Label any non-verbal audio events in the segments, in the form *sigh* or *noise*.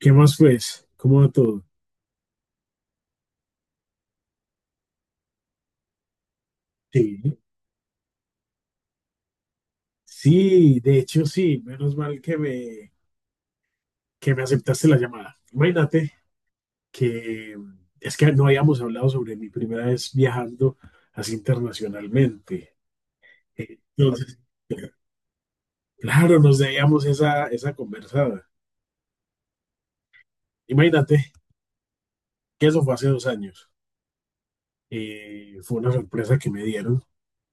¿Qué más pues? ¿Cómo va todo? Sí, sí, de hecho sí, menos mal que que me aceptaste la llamada. Imagínate que es que no habíamos hablado sobre mi primera vez viajando así internacionalmente. Entonces, claro, nos debíamos esa conversada. Imagínate que eso fue hace 2 años. Fue una sorpresa que me dieron,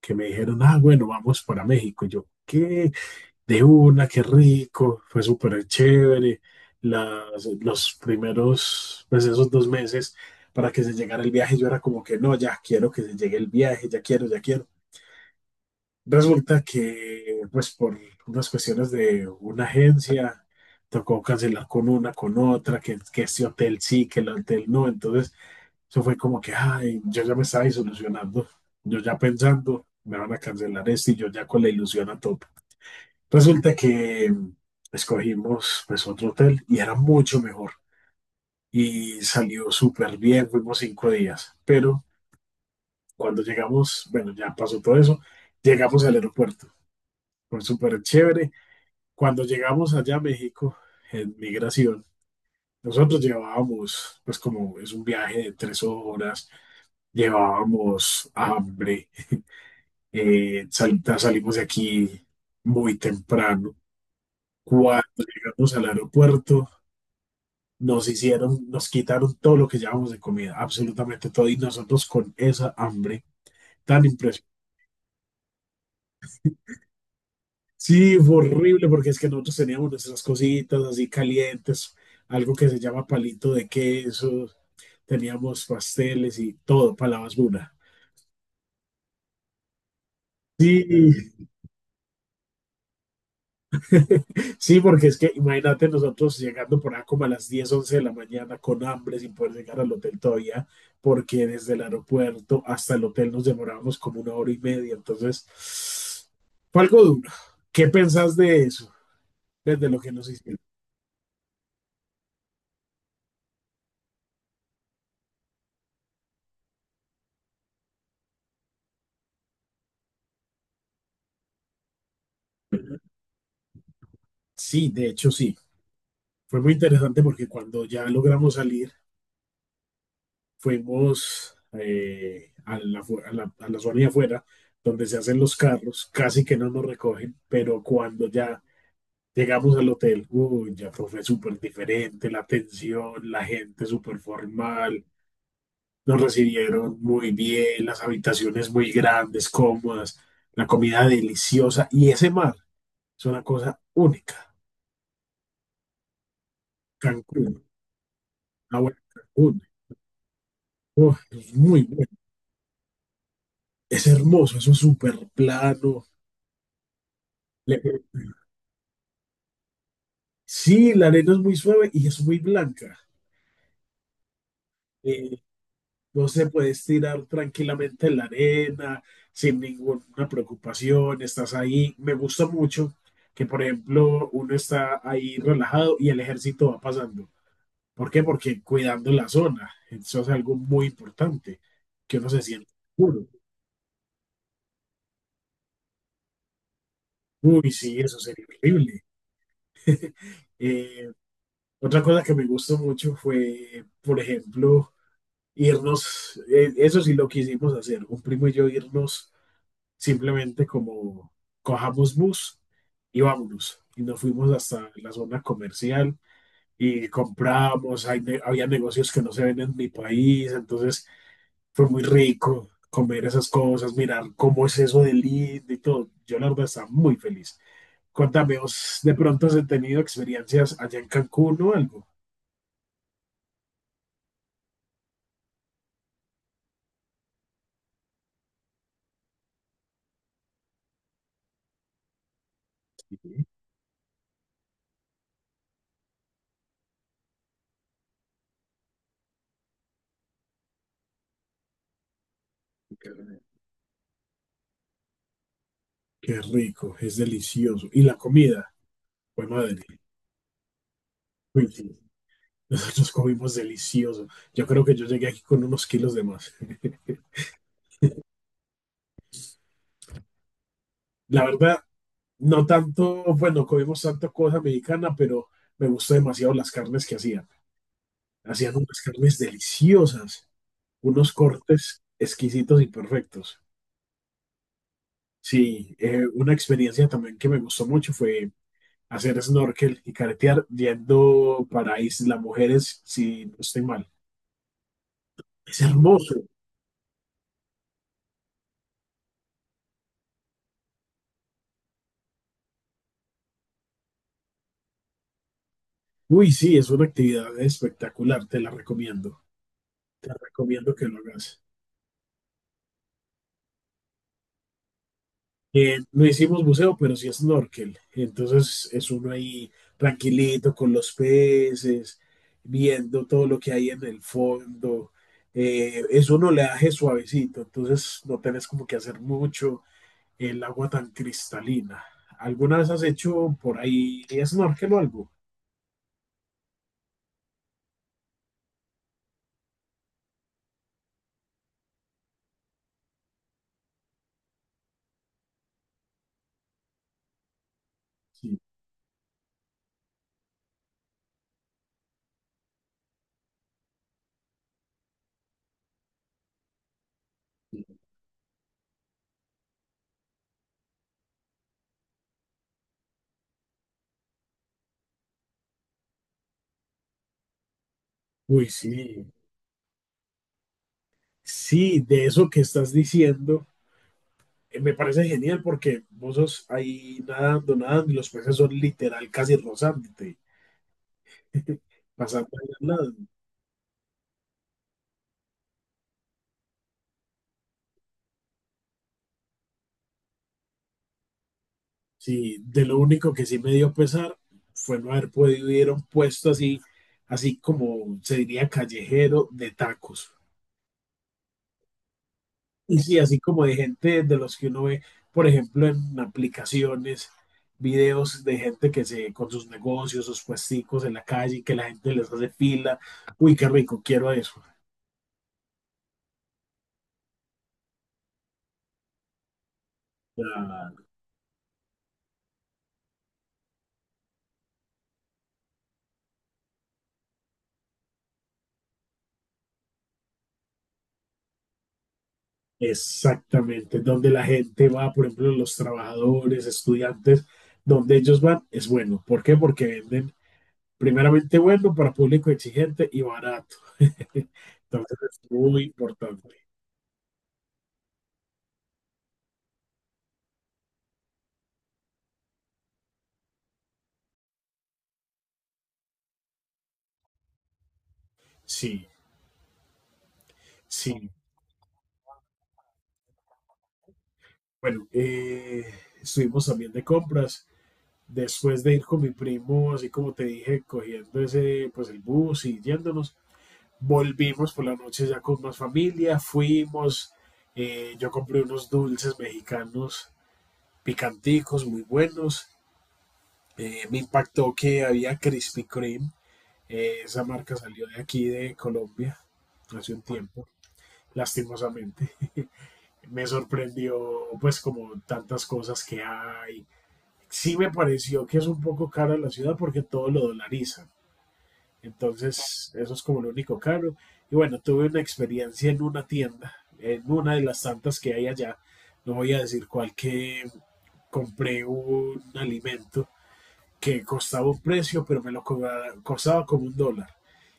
que me dijeron, ah, bueno, vamos para México. Y yo, ¿qué? De una, qué rico, fue súper chévere. Los primeros, pues esos 2 meses para que se llegara el viaje, yo era como que no, ya quiero que se llegue el viaje, ya quiero, ya quiero. Resulta que, pues por unas cuestiones de una agencia, tocó cancelar con una, con otra, que este hotel sí, que el hotel no. Entonces, eso fue como que, ay, yo ya me estaba disolucionando, yo ya pensando, me van a cancelar esto y yo ya con la ilusión a tope. Resulta que escogimos pues otro hotel y era mucho mejor y salió súper bien, fuimos 5 días, pero cuando llegamos, bueno, ya pasó todo eso, llegamos al aeropuerto, fue súper chévere. Cuando llegamos allá a México, en migración, nosotros llevábamos, pues como es un viaje de 3 horas, llevábamos hambre, salimos de aquí muy temprano. Cuando llegamos al aeropuerto, nos quitaron todo lo que llevábamos de comida, absolutamente todo, y nosotros con esa hambre tan impresionante. Sí, fue horrible porque es que nosotros teníamos nuestras cositas así calientes, algo que se llama palito de queso, teníamos pasteles y todo, para la basura. Sí, sí, porque es que imagínate nosotros llegando por acá como a las 10 u 11 de la mañana con hambre sin poder llegar al hotel todavía, porque desde el aeropuerto hasta el hotel nos demorábamos como 1 hora y media. Entonces, fue algo duro. ¿Qué pensás de eso? Desde lo que nos hicieron. Sí, de hecho sí. Fue muy interesante porque cuando ya logramos salir, fuimos a la, fu- a la zona de afuera, donde se hacen los carros, casi que no nos recogen, pero cuando ya llegamos al hotel, uy, ya todo fue súper diferente, la atención, la gente súper formal, nos recibieron muy bien, las habitaciones muy grandes, cómodas, la comida deliciosa y ese mar es una cosa única. Cancún, la buena Cancún, uf, es muy bueno, es hermoso, eso es súper plano. le- Sí, la arena es muy suave y es muy blanca. eh, Vos te puedes tirar tranquilamente en la arena, sin ninguna preocupación, estás ahí. Me gusta mucho que, por ejemplo, uno está ahí relajado y el ejército va pasando. ¿Por qué? Porque cuidando la zona. Eso es algo muy importante, que uno se siente seguro. Uy, sí, eso sería horrible. Eh, Otra cosa que me gustó mucho fue, por ejemplo, irnos, eso sí lo quisimos hacer, un primo y yo irnos simplemente como cojamos bus y vámonos. Y nos fuimos hasta la zona comercial y comprábamos, había negocios que no se ven en mi país, entonces fue muy rico comer esas cosas, mirar cómo es eso de lindo y todo. Yo la verdad estaba muy feliz. Cuéntame, ¿vos de pronto has tenido experiencias allá en Cancún o algo? Qué qué rico, es delicioso. Y la comida, fue madre. Uy, sí. Nosotros comimos delicioso. Yo creo que yo llegué aquí con unos kilos de más. La verdad, no tanto, bueno, comimos tanta cosa mexicana, pero me gustó demasiado las carnes que hacían. Hacían unas carnes deliciosas, unos cortes exquisitos y perfectos. Sí, una experiencia también que me gustó mucho fue hacer snorkel y caretear yendo para Isla Mujeres, si no estoy mal. Es hermoso. Uy, sí, es una actividad espectacular, te la recomiendo. Te recomiendo que lo hagas. No hicimos buceo, pero sí snorkel. Entonces es uno ahí tranquilito con los peces, viendo todo lo que hay en el fondo. Es un oleaje suavecito, entonces no tenés como que hacer mucho el agua tan cristalina. ¿Alguna vez has hecho por ahí snorkel o algo? Sí, sí. Uy, sí, sí, de eso que estás diciendo, me parece genial porque vos sos ahí nadando, nadando y los peces son literal casi rozándote. Pasando al lado. Sí, de lo único que sí me dio pesar fue no haber podido ir a un puesto así, así como se diría callejero de tacos. Y sí, así como de gente de los que uno ve, por ejemplo, en aplicaciones, videos de gente que se, con sus negocios, sus puesticos en la calle, que la gente les hace fila. Uy, qué rico, quiero eso. Exactamente, donde la gente va, por ejemplo, los trabajadores, estudiantes, donde ellos van, es bueno. ¿Por qué? Porque venden primeramente bueno para público exigente y barato. *laughs* Entonces es muy importante. Sí, sí. Bueno, estuvimos también de compras. Después de ir con mi primo, así como te dije, cogiendo ese, pues el bus y yéndonos, volvimos por la noche ya con más familia, fuimos, yo compré unos dulces mexicanos picanticos, muy buenos. Me impactó que había Krispy Kreme. Esa marca salió de aquí, de Colombia, hace un tiempo, lastimosamente. Me sorprendió, pues, como tantas cosas que hay. Sí me pareció que es un poco cara la ciudad porque todo lo dolarizan. Entonces, eso es como lo único caro. Y bueno, tuve una experiencia en una tienda, en una de las tantas que hay allá. No voy a decir cuál que compré un alimento que costaba un precio, pero me lo cobraba, costaba como $1.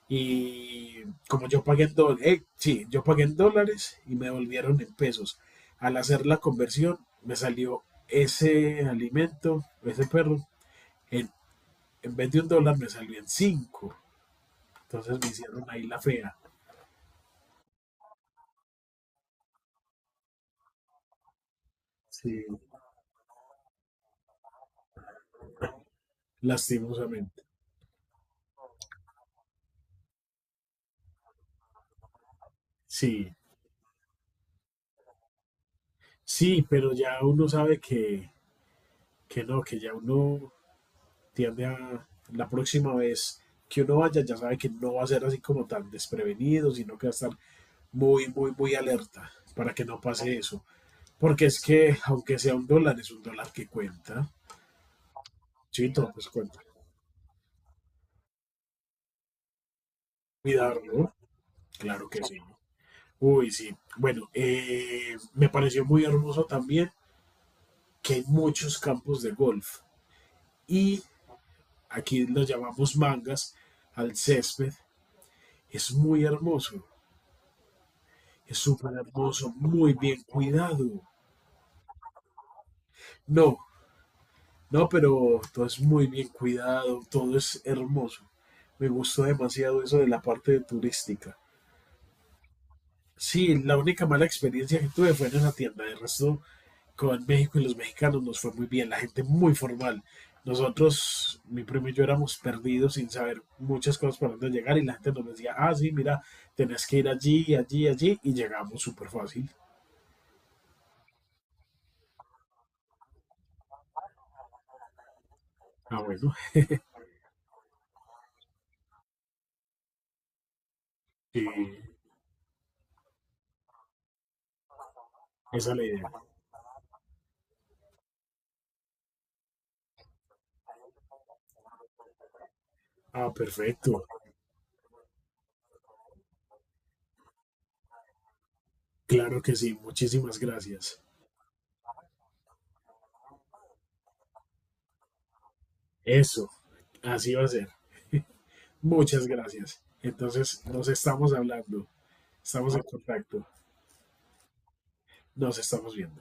Y como yo pagué en dólares, sí, yo pagué en dólares y me devolvieron en pesos. Al hacer la conversión, me salió ese alimento, ese perro, en, en vez de $1 me salió en cinco. Entonces me hicieron ahí la fea. Sí, lastimosamente. Sí, sí, pero ya uno sabe que no, que ya uno tiende a la próxima vez que uno vaya ya sabe que no va a ser así como tan desprevenido, sino que va a estar muy, muy, muy alerta para que no pase eso. Porque es que, aunque sea $1, es $1 que cuenta. Chito, pues cuenta. Cuidarlo, claro que sí. Uy, sí. Bueno, me pareció muy hermoso también que hay muchos campos de golf. Y aquí los llamamos mangas al césped. Es muy hermoso. Es súper hermoso, muy bien cuidado. No, no, pero todo es muy bien cuidado, todo es hermoso. Me gustó demasiado eso de la parte turística. Sí, la única mala experiencia que tuve fue en esa tienda. El resto, con México y los mexicanos nos fue muy bien. La gente muy formal. Nosotros, mi primo y yo éramos perdidos sin saber muchas cosas para dónde llegar y la gente nos decía, ah, sí, mira, tenés que ir allí, allí, allí y llegamos súper fácil. Ah, bueno, sí, esa es la idea. Ah, perfecto. Claro que sí, muchísimas gracias. Eso, así va a ser. Muchas gracias. Entonces, nos estamos hablando, estamos en contacto, nos estamos viendo.